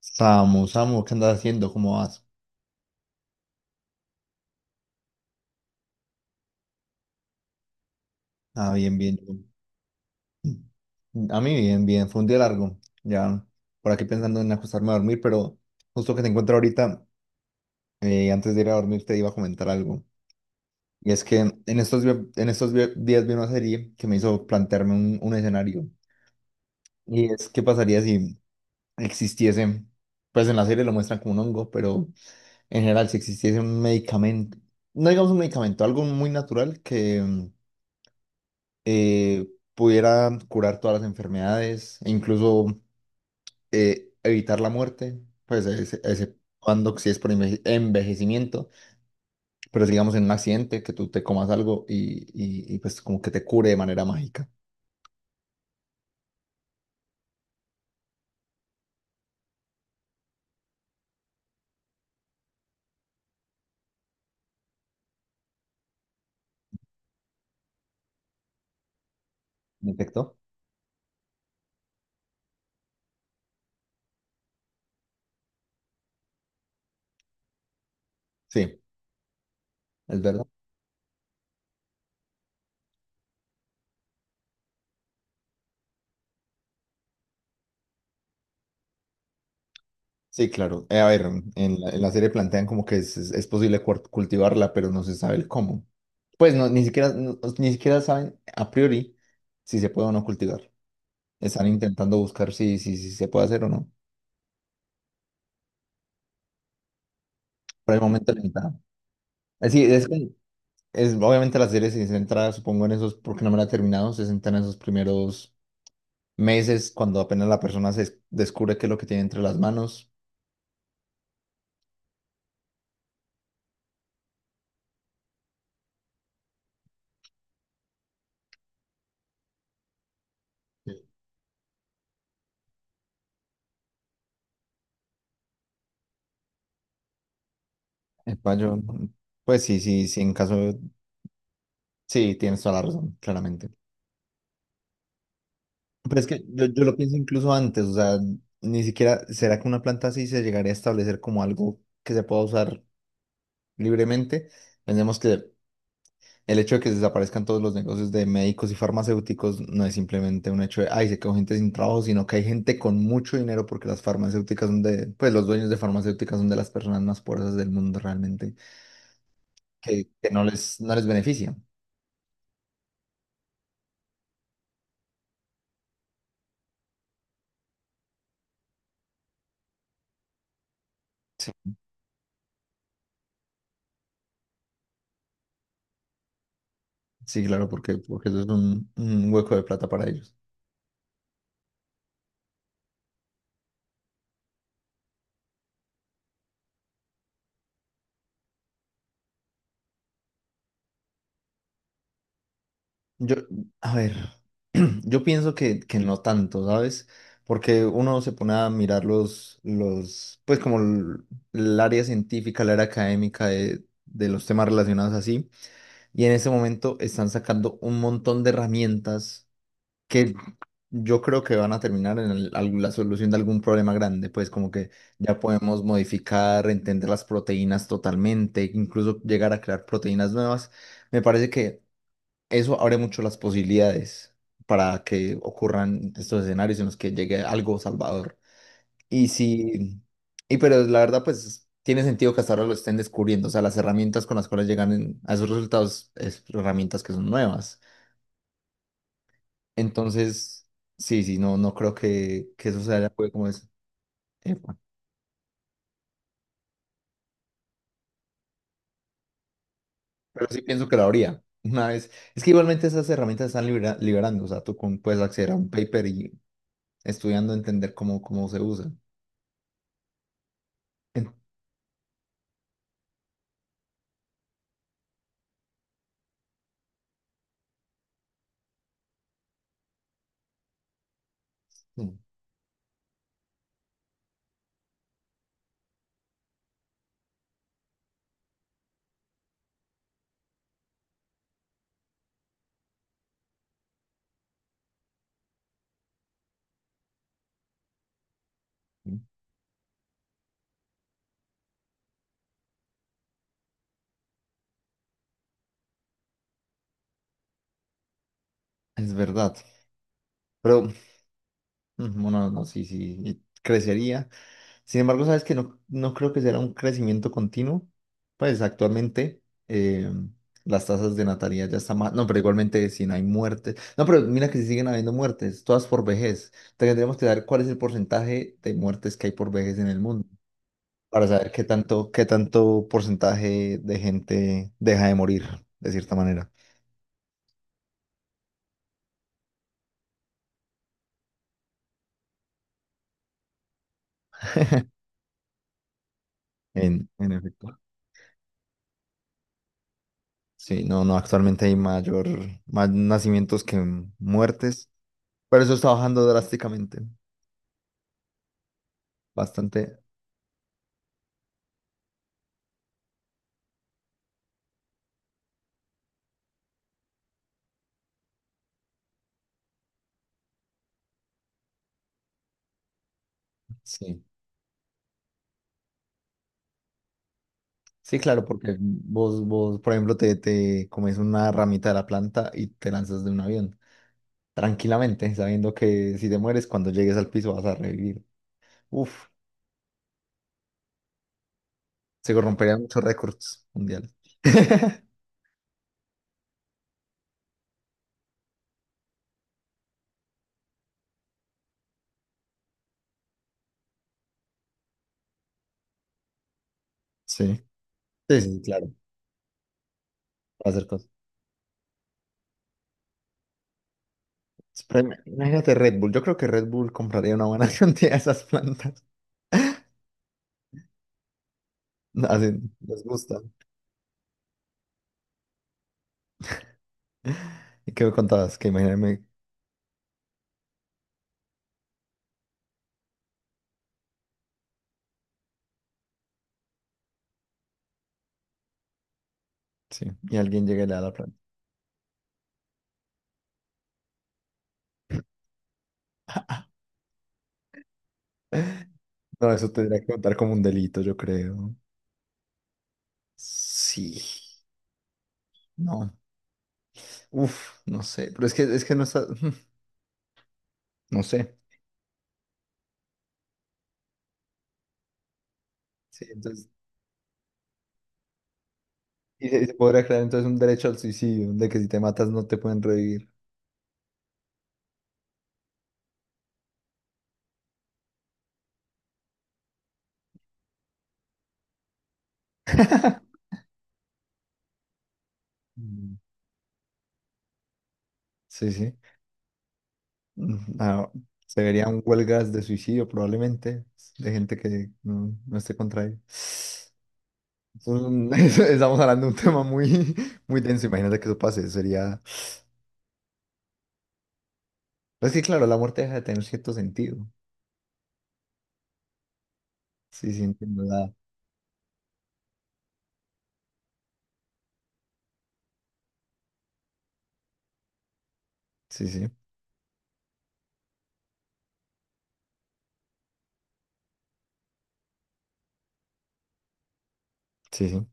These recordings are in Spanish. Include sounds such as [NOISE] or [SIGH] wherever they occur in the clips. Samu, Samu, ¿qué andas haciendo? ¿Cómo vas? Ah, bien, bien. A mí bien, bien. Fue un día largo. Ya por aquí pensando en acostarme a dormir, pero justo que te encuentro ahorita, antes de ir a dormir te iba a comentar algo. Y es que en estos días vi una serie que me hizo plantearme un escenario. Y es qué pasaría si existiese, pues en la serie lo muestran como un hongo, pero en general si existiese un medicamento, no digamos un medicamento, algo muy natural que... eh, pudiera curar todas las enfermedades e incluso evitar la muerte, pues ese cuando si es por envejecimiento, pero si, digamos en un accidente que tú te comas algo y, pues como que te cure de manera mágica. ¿Me infectó? Sí, es verdad. Sí, claro. A ver, en en la serie plantean como que es posible cultivarla, pero no se sabe el cómo. Pues no, ni siquiera, pues, ni siquiera saben a priori si se puede o no cultivar. Están intentando buscar si se puede hacer o no. Por el momento limitado. Así es, es obviamente la serie se centra, supongo, en esos, porque no me la he terminado, se centra en esos primeros meses cuando apenas la persona descubre qué es lo que tiene entre las manos. Sí. Epa, yo, pues sí, sí, sí, en caso, sí, tienes toda la razón, claramente. Pero es que yo lo pienso incluso antes, o sea, ni siquiera, ¿será que una planta así se llegaría a establecer como algo que se pueda usar libremente? Pensemos que el hecho de que se desaparezcan todos los negocios de médicos y farmacéuticos no es simplemente un hecho de, ay, se quedó gente sin trabajo, sino que hay gente con mucho dinero porque las farmacéuticas son de, pues los dueños de farmacéuticas son de las personas más poderosas del mundo realmente, que no les beneficia. Sí, sí, claro, porque eso es un hueco de plata para ellos. Yo, a ver, [CLEARS THROAT] yo pienso que no tanto, ¿sabes? Porque uno se pone a mirar pues como el área científica, el área académica de los temas relacionados así, y en ese momento están sacando un montón de herramientas que yo creo que van a terminar en la solución de algún problema grande, pues como que ya podemos modificar, entender las proteínas totalmente, incluso llegar a crear proteínas nuevas. Me parece que eso abre mucho las posibilidades para que ocurran estos escenarios en los que llegue algo salvador. Y sí, y pero la verdad, pues tiene sentido que hasta ahora lo estén descubriendo. O sea, las herramientas con las cuales llegan a esos resultados es herramientas que son nuevas. Entonces, sí, sí, no, no creo que eso se haya podido como es. Epa. Pero sí pienso que lo habría. Una vez. Es que igualmente esas herramientas están liberando. O sea, puedes acceder a un paper y estudiando entender cómo se usa. En- Mm. Es verdad, pero mm, bueno, no, sí, sí, y crecería. Sin embargo, sabes que no, no creo que sea un crecimiento continuo. Pues actualmente eh, las tasas de natalidad ya están más. No, pero igualmente si no hay muertes. No, pero mira que si siguen habiendo muertes, todas por vejez. Tendríamos que saber cuál es el porcentaje de muertes que hay por vejez en el mundo para saber qué tanto porcentaje de gente deja de morir, de cierta manera. En efecto. Sí, no, no, actualmente hay mayor, más nacimientos que muertes, pero eso está bajando drásticamente, bastante, sí. Sí, claro, porque vos, por ejemplo, te comes una ramita de la planta y te lanzas de un avión, tranquilamente, sabiendo que si te mueres, cuando llegues al piso vas a revivir. Uf, se romperían muchos récords mundiales. [LAUGHS] Sí, sí, sí, claro, para hacer cosas. Pero imagínate Red Bull, yo creo que Red Bull compraría una buena [LAUGHS] cantidad de esas plantas. Así, les gusta. ¿Y qué me contabas? Que imagíname, sí, y alguien llegue y le da la planta. No, eso tendría que contar como un delito, yo creo. Sí, no. Uf, no sé, pero es que no está, [LAUGHS] no sé. Sí, entonces, y se podría crear entonces un derecho al suicidio, de que si te matas no te pueden revivir. [LAUGHS] Mm. Sí, sí. Mm, ah, se verían huelgas de suicidio probablemente, de gente que no, no esté contra él. Es un- [LAUGHS] Estamos hablando de un tema muy, muy denso. Imagínate que eso pase, sería. Pues sí, claro, la muerte deja de tener cierto sentido. Sí, sí, entiendo la- Sí, sí, sí, sí.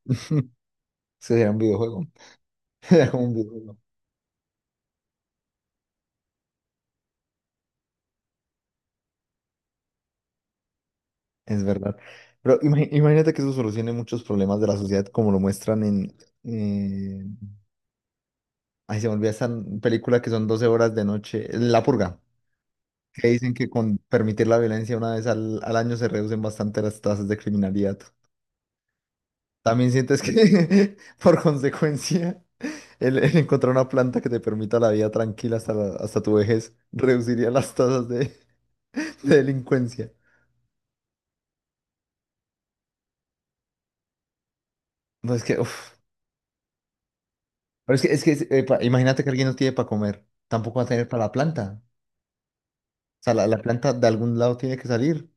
[LAUGHS] Eso sería un videojuego. [LAUGHS] Era como un videojuego. Es verdad. Pero imagínate que eso solucione muchos problemas de la sociedad como lo muestran en... eh, ay, se me olvida esta película que son 12 horas de noche. La Purga. Que dicen que con permitir la violencia una vez al año se reducen bastante las tasas de criminalidad. También sientes que, [LAUGHS] por consecuencia, el encontrar una planta que te permita la vida tranquila hasta, hasta tu vejez reduciría las tasas de, [LAUGHS] de delincuencia. No, es que, uf. Pero es que imagínate que alguien no tiene para comer, tampoco va a tener para la planta. O sea, la planta de algún lado tiene que salir.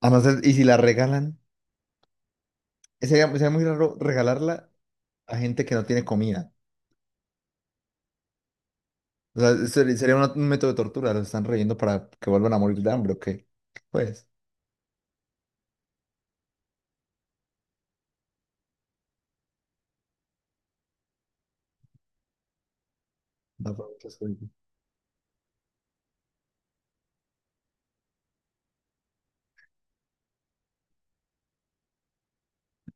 A no ser- y si la regalan, sería, sería muy raro regalarla a gente que no tiene comida. O sea, sería una- un método de tortura, los están reyendo para que vuelvan a morir de hambre, ¿o qué? Pues, da para muchas cosas.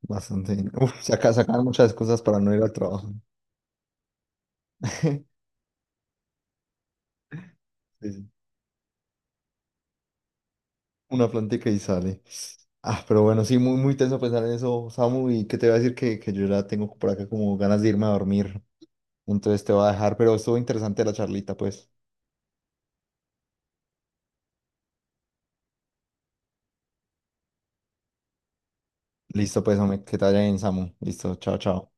Bastante. Bien. Uf, sacan muchas excusas para no ir al trabajo. [LAUGHS] Sí, sí. Una plantica y sale. Ah, pero bueno, sí, muy, muy tenso pensar en eso, Samu, y que te voy a decir que yo ya tengo por acá como ganas de irme a dormir. Entonces te voy a dejar, pero estuvo interesante la charlita, pues. Listo, pues, hombre, que te vaya bien, Samu. Listo, chao, chao.